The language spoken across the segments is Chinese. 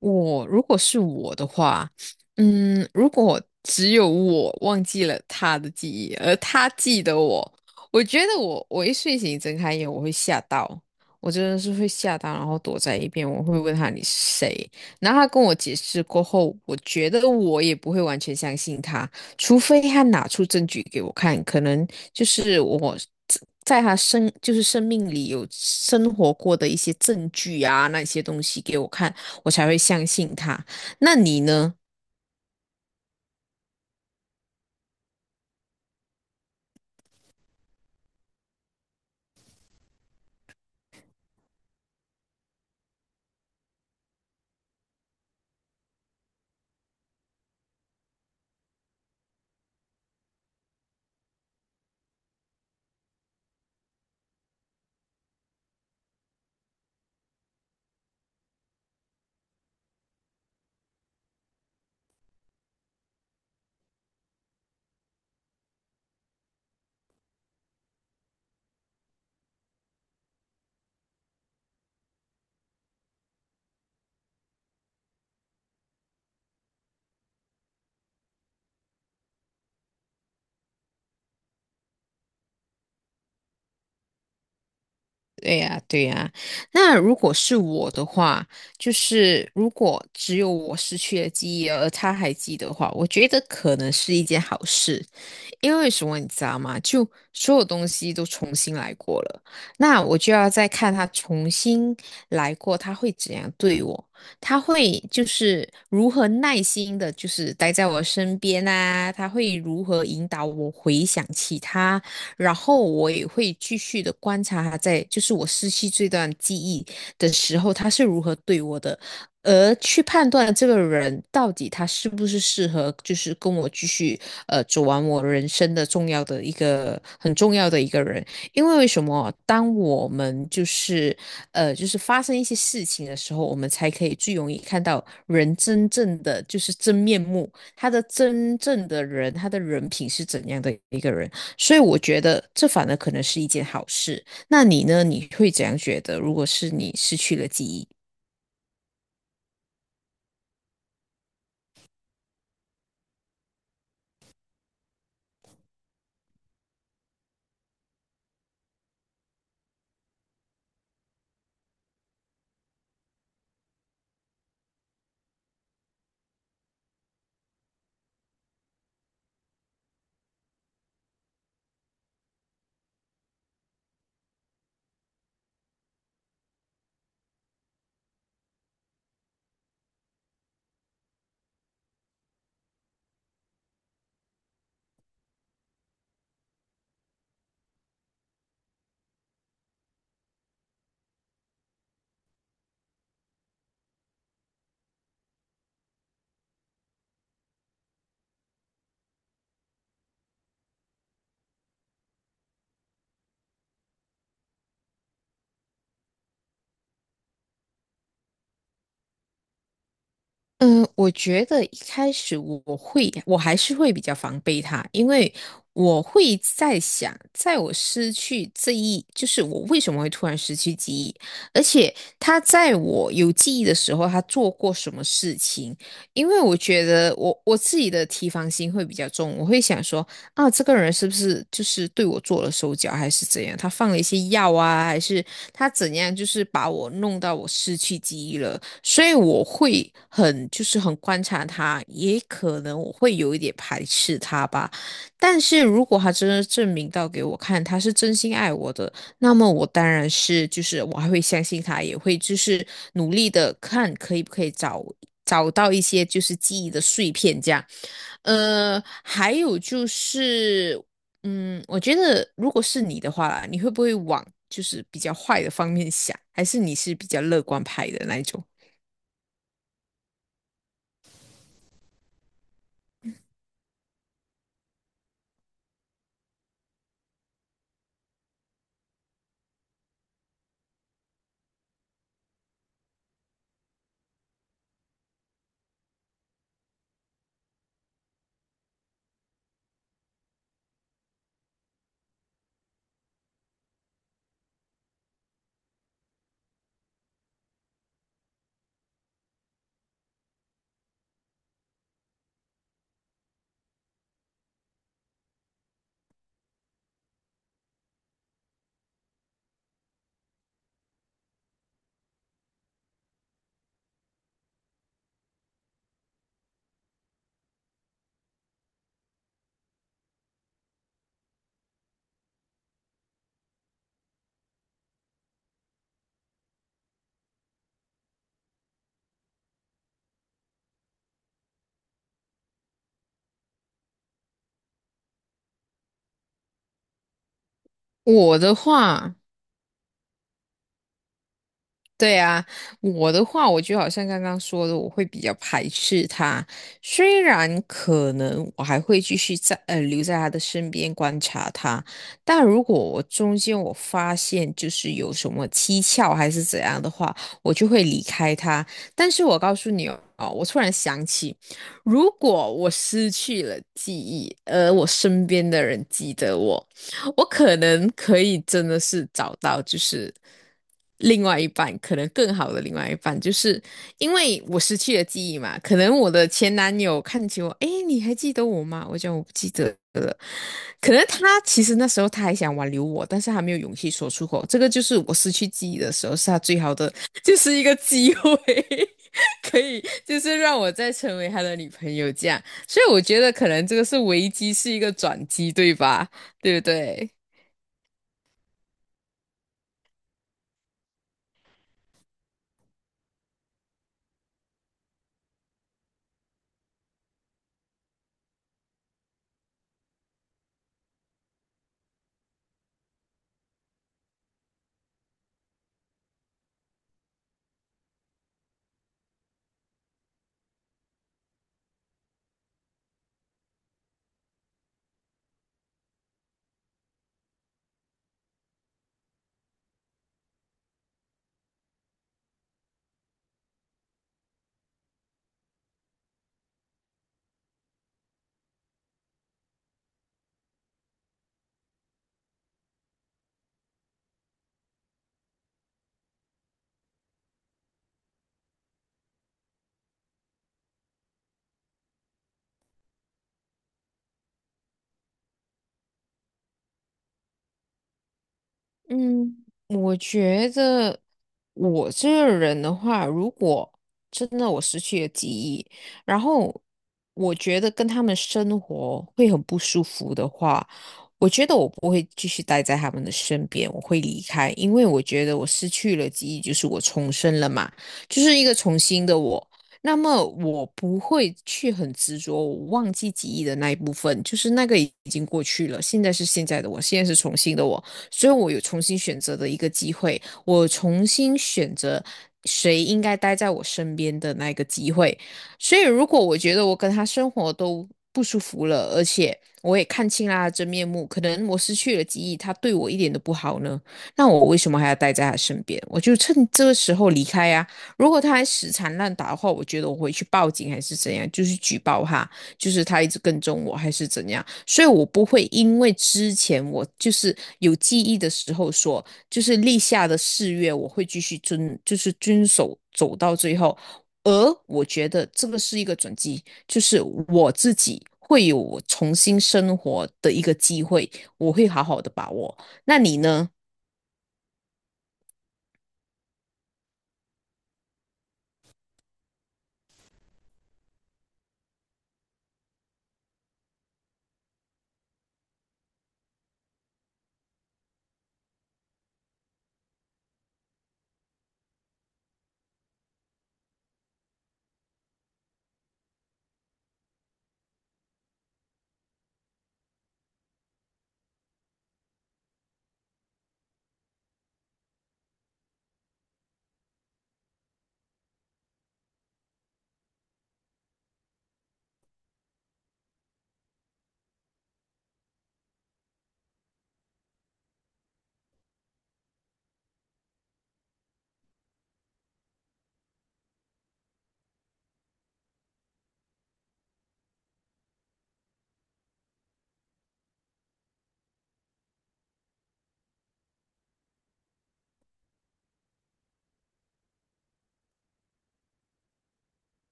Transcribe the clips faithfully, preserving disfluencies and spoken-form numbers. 我如果是我的话，嗯，如果只有我忘记了他的记忆，而他记得我，我觉得我我一睡醒睁开眼，我会吓到，我真的是会吓到，然后躲在一边，我会问他你是谁，然后他跟我解释过后，我觉得我也不会完全相信他，除非他拿出证据给我看，可能就是我在在他生就是生命里有生活过的一些证据啊，那些东西给我看。我才会相信他。那你呢？对呀，对呀。那如果是我的话，就是如果只有我失去了记忆，而他还记得的话，我觉得可能是一件好事。因为什么你知道吗？就所有东西都重新来过了，那我就要再看他重新来过，他会怎样对我？他会就是如何耐心的，就是待在我身边啊？他会如何引导我回想起他？然后我也会继续的观察他在，就是我失去这段记忆的时候，他是如何对我的，而去判断这个人到底他是不是适合，就是跟我继续呃走完我人生的重要的一个很重要的一个人。因为为什么？当我们就是呃就是发生一些事情的时候，我们才可以最容易看到人真正的就是真面目，他的真正的人，他的人品是怎样的一个人。所以我觉得这反而可能是一件好事。那你呢？你会怎样觉得？如果是你失去了记忆？嗯，我觉得一开始我会，我还是会比较防备他，因为我会在想，在我失去这一，就是我为什么会突然失去记忆，而且他在我有记忆的时候，他做过什么事情？因为我觉得我我自己的提防心会比较重，我会想说，啊，这个人是不是就是对我做了手脚，还是怎样？他放了一些药啊，还是他怎样？就是把我弄到我失去记忆了。所以我会很就是很观察他，也可能我会有一点排斥他吧。但是如果他真的证明到给我看他是真心爱我的，那么我当然是就是我还会相信他，也会就是努力的看可以不可以找找到一些就是记忆的碎片这样。呃，还有就是，嗯，我觉得如果是你的话啦你会不会往就是比较坏的方面想，还是你是比较乐观派的那一种？我的话。对啊，我的话，我就好像刚刚说的，我会比较排斥他。虽然可能我还会继续在呃留在他的身边观察他，但如果我中间我发现就是有什么蹊跷还是怎样的话，我就会离开他。但是我告诉你哦，哦我突然想起，如果我失去了记忆，而我身边的人记得我。我可能可以真的是找到，就是另外一半，可能更好的另外一半，就是因为我失去了记忆嘛，可能我的前男友看起我，诶，你还记得我吗？我讲我不记得了，可能他其实那时候他还想挽留我，但是他没有勇气说出口，这个就是我失去记忆的时候，是他最好的，就是一个机会。可以，就是让我再成为他的女朋友这样，所以我觉得可能这个是危机，是一个转机，对吧？对不对？嗯，我觉得我这个人的话，如果真的我失去了记忆，然后我觉得跟他们生活会很不舒服的话，我觉得我不会继续待在他们的身边，我会离开，因为我觉得我失去了记忆，就是我重生了嘛，就是一个重新的我。那么我不会去很执着，我忘记记忆的那一部分，就是那个已经过去了，现在是现在的我，现在是重新的我。所以我有重新选择的一个机会，我重新选择谁应该待在我身边的那个机会。所以，如果我觉得我跟他生活都不舒服了，而且我也看清了他的真面目，可能我失去了记忆，他对我一点都不好呢，那我为什么还要待在他身边？我就趁这个时候离开呀、如果他还死缠烂打的话，我觉得我回去报警还是怎样，就是举报他。就是他一直跟踪我还是怎样，所以我不会因为之前我就是有记忆的时候说，就是立下的誓约，我会继续遵，就是遵守走到最后。而我觉得这个是一个转机，就是我自己会有重新生活的一个机会，我会好好的把握。那你呢？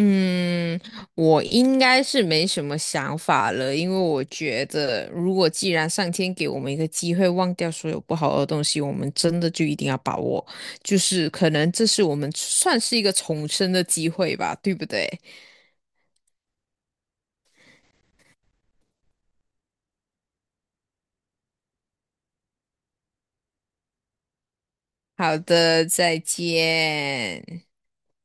嗯，我应该是没什么想法了，因为我觉得，如果既然上天给我们一个机会，忘掉所有不好的东西，我们真的就一定要把握。就是可能这是我们算是一个重生的机会吧，对不对？好的，再见。